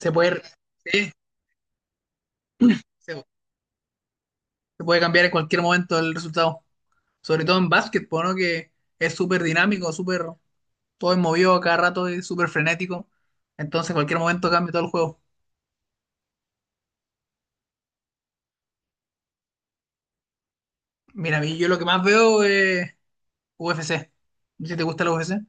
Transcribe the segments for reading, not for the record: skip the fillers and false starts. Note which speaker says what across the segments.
Speaker 1: Se puede, sí, se, se puede cambiar en cualquier momento el resultado. Sobre todo en básquetbol, ¿no? Que es súper dinámico, súper, todo es movido a cada rato, es súper frenético. Entonces, en cualquier momento cambia todo el juego. Mira, a mí yo lo que más veo es UFC. Si te gusta la UFC,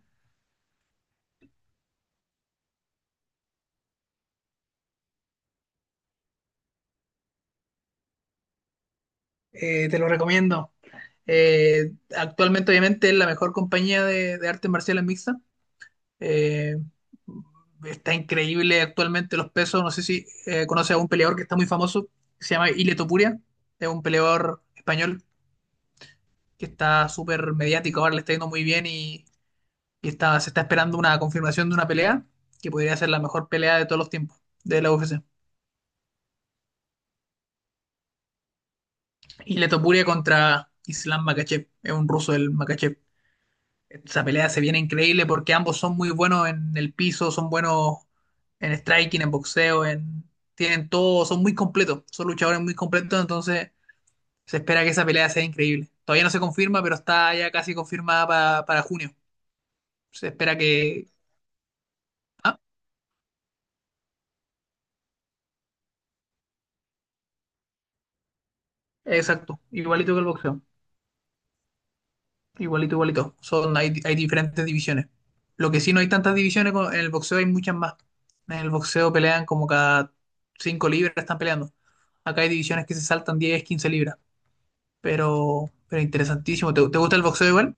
Speaker 1: te lo recomiendo. Actualmente, obviamente, es la mejor compañía de artes marciales mixtas. Eh, está increíble actualmente los pesos. No sé si conoces a un peleador que está muy famoso, que se llama Ile Topuria. Es un peleador español que está súper mediático, ahora le está yendo muy bien, y está, se está esperando una confirmación de una pelea que podría ser la mejor pelea de todos los tiempos de la UFC. Ile Topuria contra Islam Makhachev, es un ruso el Makhachev. Esa pelea se viene increíble porque ambos son muy buenos en el piso, son buenos en striking, en boxeo, en tienen todo, son muy completos, son luchadores muy completos, entonces se espera que esa pelea sea increíble. Todavía no se confirma, pero está ya casi confirmada para junio. Se espera que Ah, exacto, igualito que el boxeo. Igualito, igualito. Hay, hay diferentes divisiones. Lo que sí no hay tantas divisiones, en el boxeo hay muchas más. En el boxeo pelean como cada 5 libras están peleando. Acá hay divisiones que se saltan 10 15 libras. Pero interesantísimo. ¿ te gusta el boxeo igual?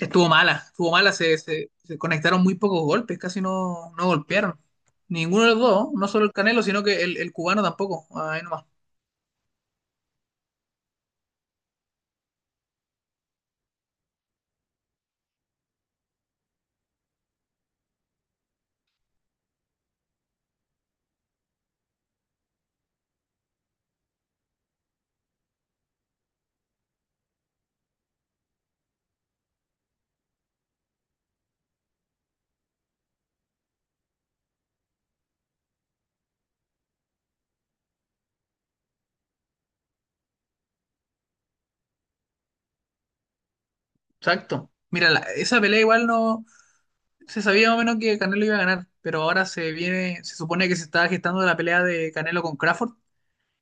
Speaker 1: Estuvo mala, estuvo mala. Se conectaron muy pocos golpes, casi no, no golpearon. Ninguno de los dos, no solo el Canelo, sino que el cubano tampoco. Ahí nomás. Exacto. Mira, esa pelea igual no se sabía más o menos que Canelo iba a ganar, pero ahora se viene, se supone que se está gestando la pelea de Canelo con Crawford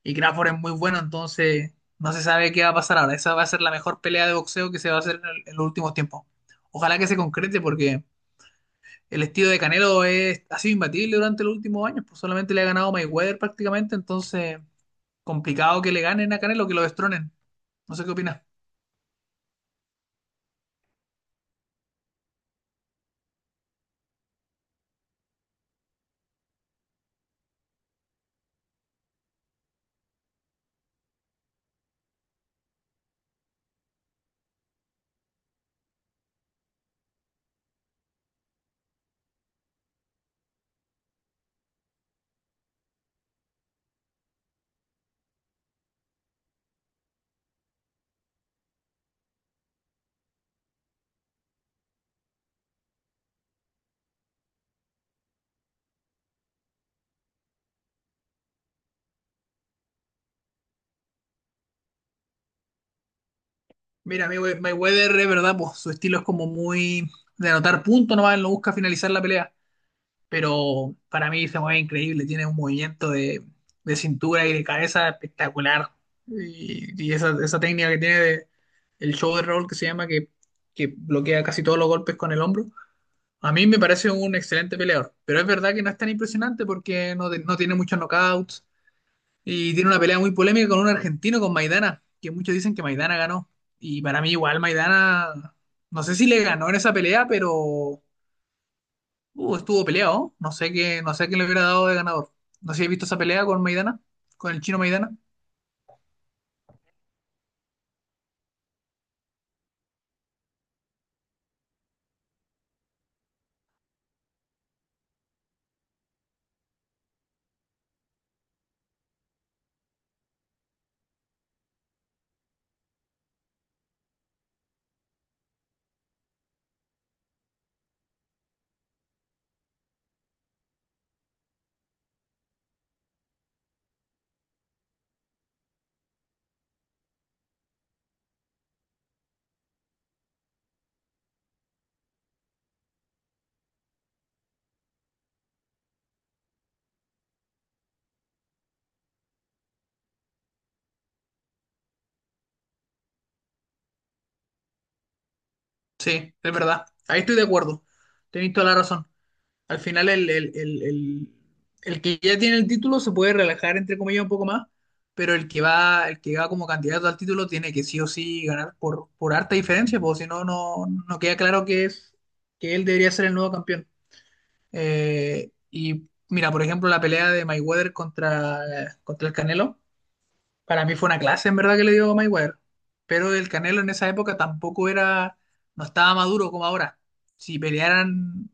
Speaker 1: y Crawford es muy bueno, entonces no se sabe qué va a pasar ahora. Esa va a ser la mejor pelea de boxeo que se va a hacer en los últimos tiempos. Ojalá que se concrete porque el estilo de Canelo es, ha sido imbatible durante los últimos años, pues solamente le ha ganado Mayweather prácticamente, entonces complicado que le ganen a Canelo, que lo destronen. No sé qué opinas. Mira, Mayweather es verdad, pues su estilo es como muy de anotar puntos nomás, él no busca finalizar la pelea, pero para mí se mueve increíble, tiene un movimiento de cintura y de cabeza espectacular. Y esa técnica que tiene de el shoulder roll que se llama, que bloquea casi todos los golpes con el hombro, a mí me parece un excelente peleador, pero es verdad que no es tan impresionante porque no tiene muchos knockouts y tiene una pelea muy polémica con un argentino, con Maidana, que muchos dicen que Maidana ganó. Y para mí igual Maidana, no sé si le ganó en esa pelea, pero estuvo peleado. No sé qué, no sé qué le hubiera dado de ganador. No sé si he visto esa pelea con Maidana, con el chino Maidana. Sí, es verdad. Ahí estoy de acuerdo. Tenéis toda la razón. Al final el que ya tiene el título se puede relajar entre comillas un poco más, pero el que va como candidato al título tiene que sí o sí ganar por harta diferencia, porque si no, no, no queda claro que es, que él debería ser el nuevo campeón. Y mira, por ejemplo, la pelea de Mayweather contra el Canelo, para mí fue una clase en verdad que le dio Mayweather, pero el Canelo en esa época tampoco era, no estaba maduro como ahora si pelearan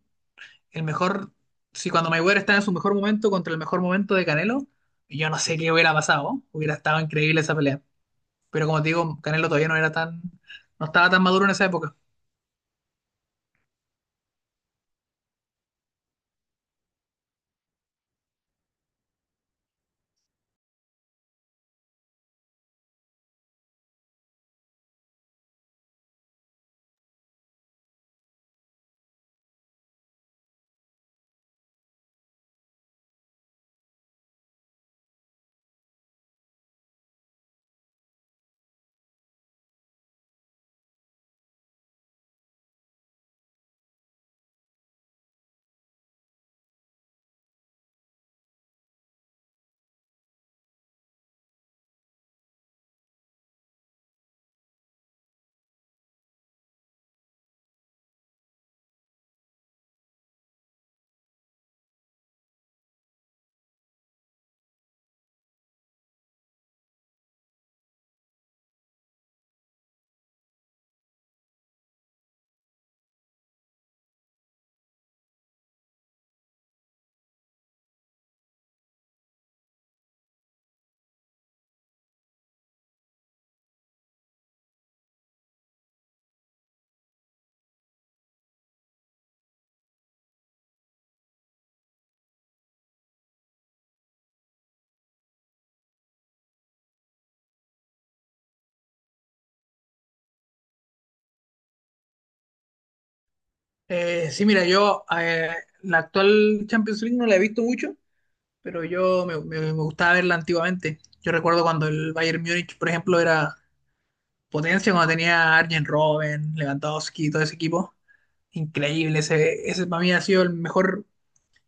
Speaker 1: el mejor, si cuando Mayweather estaba en su mejor momento contra el mejor momento de Canelo, yo no sé qué hubiera pasado, hubiera estado increíble esa pelea. Pero como te digo, Canelo todavía no era tan, no estaba tan maduro en esa época. Sí, mira, yo, la actual Champions League no la he visto mucho, pero yo me gustaba verla antiguamente. Yo recuerdo cuando el Bayern Múnich, por ejemplo, era potencia, cuando tenía a Arjen Robben, Lewandowski, todo ese equipo. Increíble, ese para mí ha sido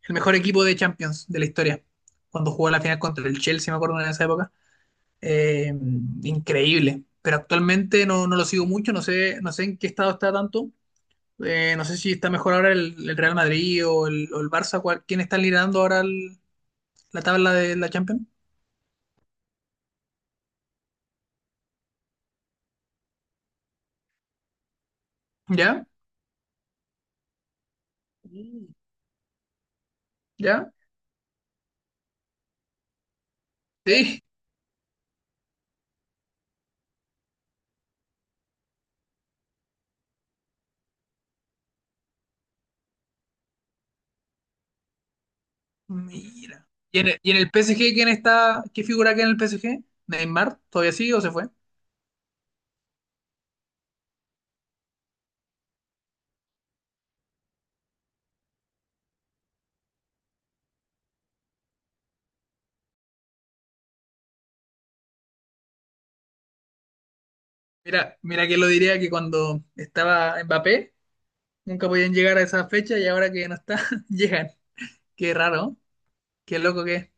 Speaker 1: el mejor equipo de Champions de la historia. Cuando jugó la final contra el Chelsea, me acuerdo en esa época. Eh, increíble. Pero actualmente no, no lo sigo mucho, no sé, no sé en qué estado está tanto. No sé si está mejor ahora el Real Madrid o o el Barça. ¿Quién está liderando ahora la tabla de la Champions? ¿Ya? Sí. ¿Ya? Sí. Mira. ¿Y en y en el PSG quién está? ¿Qué figura queda en el PSG? ¿Neymar? ¿Todavía sigue o se fue? Mira, mira que lo diría que cuando estaba Mbappé. Nunca podían llegar a esa fecha y ahora que ya no está, llegan. Qué raro, ¿eh? Qué loco que es.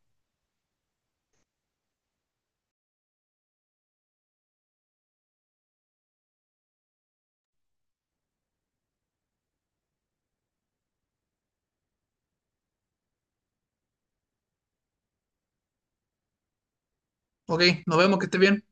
Speaker 1: Ok, nos vemos, que esté bien.